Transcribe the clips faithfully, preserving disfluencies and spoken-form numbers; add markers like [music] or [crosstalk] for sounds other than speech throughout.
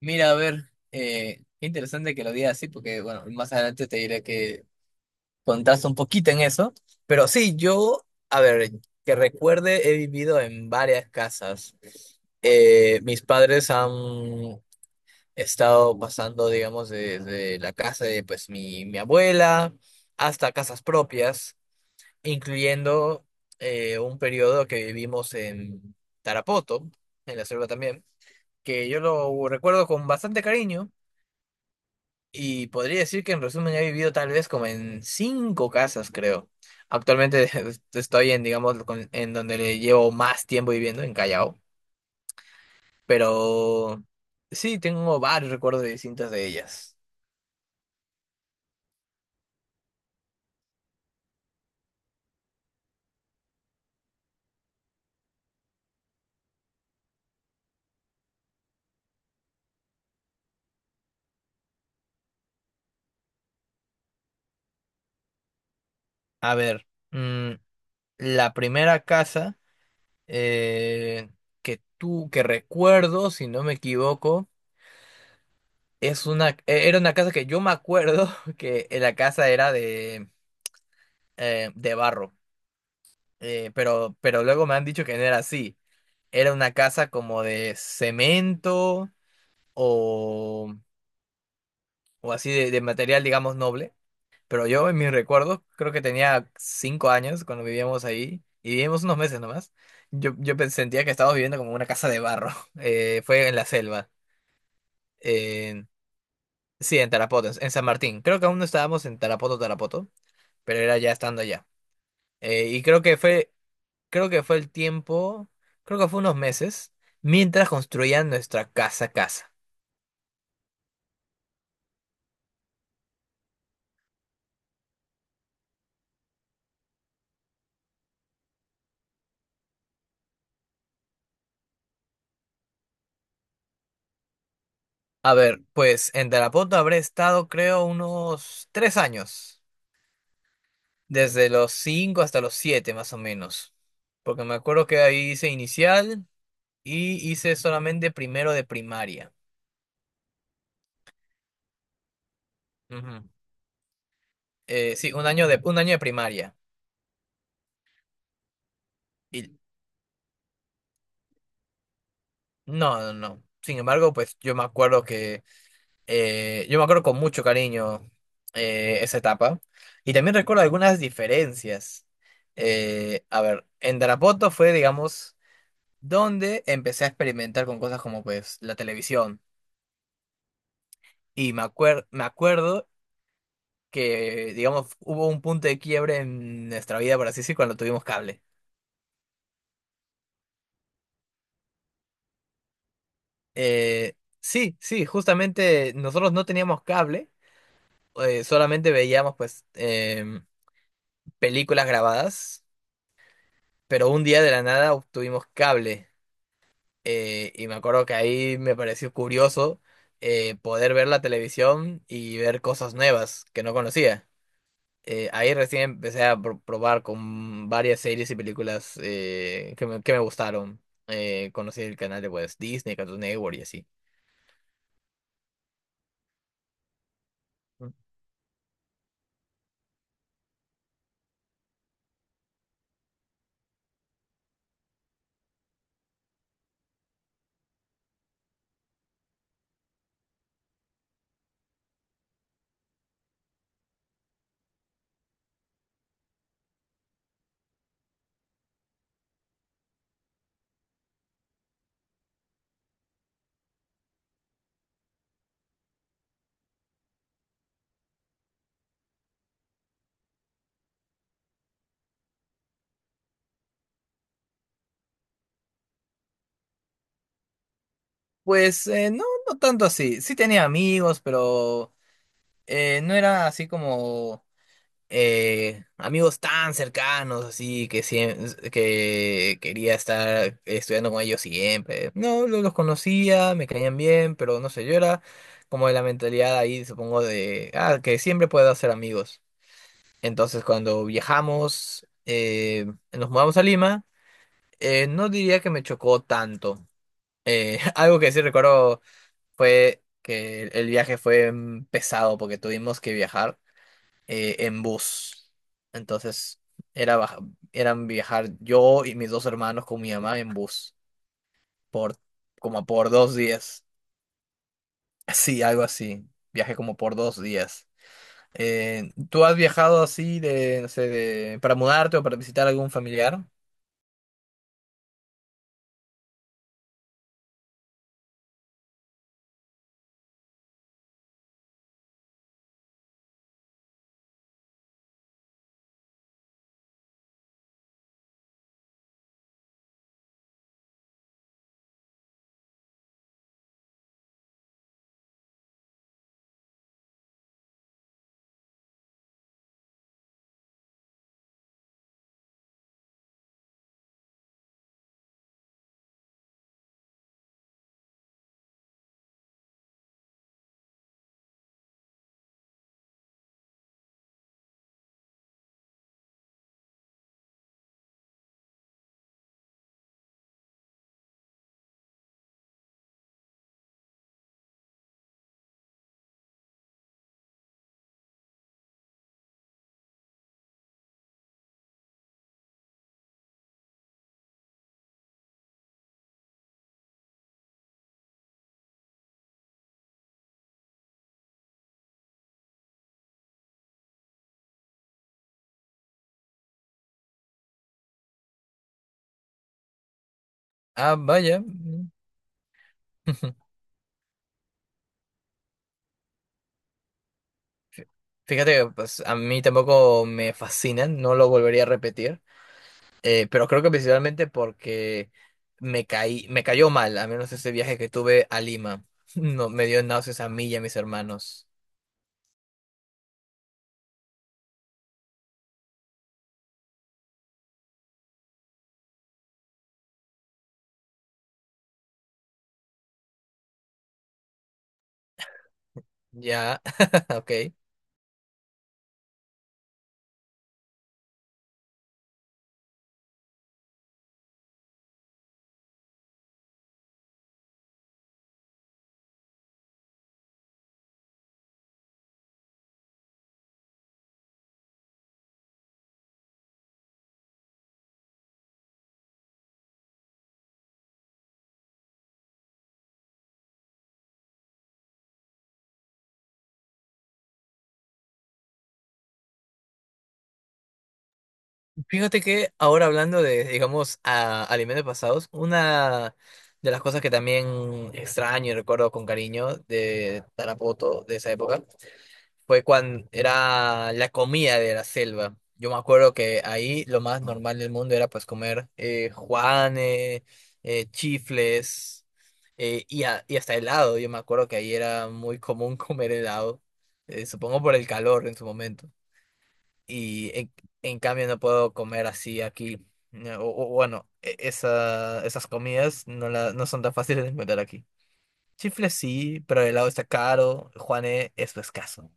Mira, a ver, eh, qué interesante que lo digas así, porque bueno, más adelante te diré que contaste un poquito en eso. Pero sí, yo, a ver, que recuerde, he vivido en varias casas. Eh, mis padres han estado pasando, digamos, desde la casa de pues mi, mi abuela hasta casas propias, incluyendo eh, un periodo que vivimos en Tarapoto, en la selva también, que yo lo recuerdo con bastante cariño. Y podría decir que en resumen he vivido tal vez como en cinco casas, creo. Actualmente [laughs] estoy en, digamos, con- en donde le llevo más tiempo viviendo, en Callao. Pero sí, tengo varios recuerdos de distintas de ellas. A ver, mm, la primera casa eh, que tú, que recuerdo, si no me equivoco, es una, eh, era una casa que yo me acuerdo [laughs] que la casa era de, eh, de barro. Eh, pero, pero luego me han dicho que no era así. Era una casa como de cemento o, o así de, de material, digamos, noble. Pero yo en mis recuerdos, creo que tenía cinco años cuando vivíamos ahí y vivimos unos meses nomás. Yo, yo pe- sentía que estábamos viviendo como una casa de barro. [laughs] Eh, fue en la selva. en- sí, en Tarapoto, en en San Martín. Creo que aún no estábamos en Tarapoto, Tarapoto, pero era ya estando allá. Eh, y creo que fue, creo que fue el tiempo, creo que fue unos meses mientras construían nuestra casa, casa. A ver, pues en Tarapoto habré estado creo unos tres años, desde los cinco hasta los siete más o menos, porque me acuerdo que ahí hice inicial y hice solamente primero de primaria. Ujú. Eh, sí, un año de, un año de primaria. Y no, no, no. Sin embargo, pues yo me acuerdo que eh, yo me acuerdo con mucho cariño eh, esa etapa y también recuerdo algunas diferencias. Eh, a ver, en Tarapoto fue, digamos, donde empecé a experimentar con cosas como pues la televisión. Y me acuer- me acuerdo que, digamos, hubo un punto de quiebre en nuestra vida, por así decir, cuando tuvimos cable. Eh, sí, sí, justamente nosotros no teníamos cable, eh, solamente veíamos pues em, películas grabadas, pero un día de la nada obtuvimos cable. Eh, y me acuerdo que ahí me pareció curioso eh, poder ver la televisión y ver cosas nuevas que no conocía. Eh, ahí recién empecé a pro- probar con varias series y películas eh, que me, que me gustaron. Eh, conocí el canal de pues, Disney, Cartoon Network y así. Pues eh, no, no tanto así. Sí tenía amigos, pero eh, no era así como eh, amigos tan cercanos, así que, siem- que quería estar estudiando con ellos siempre. No, lo- los conocía, me caían bien, pero no sé, yo era como de la mentalidad ahí, supongo, de ah, que siempre puedo hacer amigos. Entonces, cuando viajamos, eh, nos mudamos a Lima, eh, no diría que me chocó tanto. Eh, [laughs] algo que sí recuerdo fue que el viaje fue mm, pesado porque tuvimos que viajar eh, en bus. Entonces, era baja- eran viajar yo y mis dos hermanos con mi mamá en bus por como por dos días. [laughs] Sí, algo así. Viaje como por dos días. Eh, ¿tú has viajado así de, no sé, de- para mudarte o para visitar algún familiar? Ah, vaya. Mm. [laughs] Fí- Fíjate que pues, a mí tampoco me fascinan, no lo volvería a repetir, eh, pero creo que principalmente porque me caí, me cayó mal, a menos ese viaje que tuve a Lima. [laughs] No, me dio náuseas a mí y a mis hermanos. Ya, [laughs] ok. Fíjate que ahora hablando de, digamos, a, alimentos pasados, una de las cosas que también extraño y recuerdo con cariño de Tarapoto, de esa época, fue cuando era la comida de la selva. Yo me acuerdo que ahí lo más normal del mundo era pues comer eh, juanes, eh, chifles eh, y, a- y hasta helado. Yo me acuerdo que ahí era muy común [laughs] comer helado, eh, supongo por el calor en su momento. Y en, en cambio no puedo comer así aquí. No, O, o bueno, e- esa, esas comidas no, la, no son tan fáciles de encontrar aquí. Chifles sí, pero el helado está caro, juanes es escaso.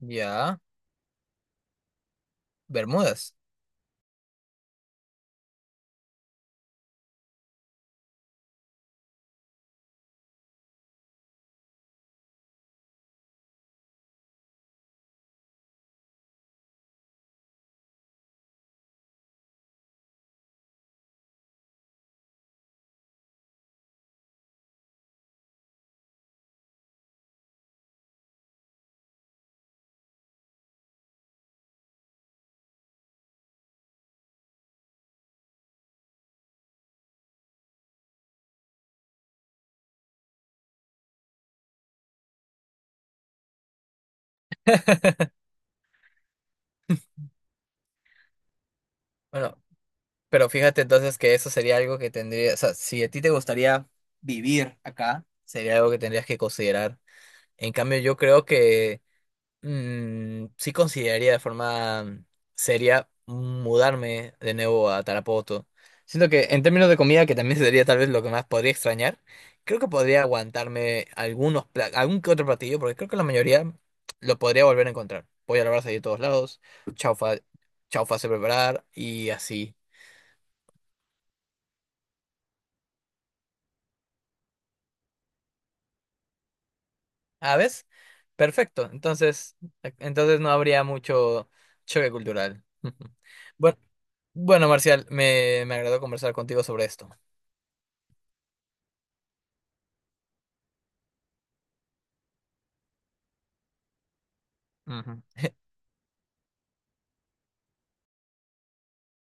Ya. Bermudas. Bueno, pero fíjate entonces que eso sería algo que tendría, o sea, si a ti te gustaría vivir acá, sería algo que tendrías que considerar. En cambio, yo creo que mm, sí consideraría de forma seria mudarme de nuevo a Tarapoto. Siento que en términos de comida, que también [laughs] sería tal vez lo que más podría extrañar, creo que podría aguantarme algunos pla- algún que otro platillo, porque creo que la mayoría lo podría volver a encontrar. Voy a la brasa de todos lados, chaufa, chaufa sé preparar y así. Ah, ¿ves? Perfecto. Entonces, e, entonces no habría mucho choque cultural. [laughs] Bueno, bueno, Marcial, me, me agradó conversar contigo sobre esto. Ujú.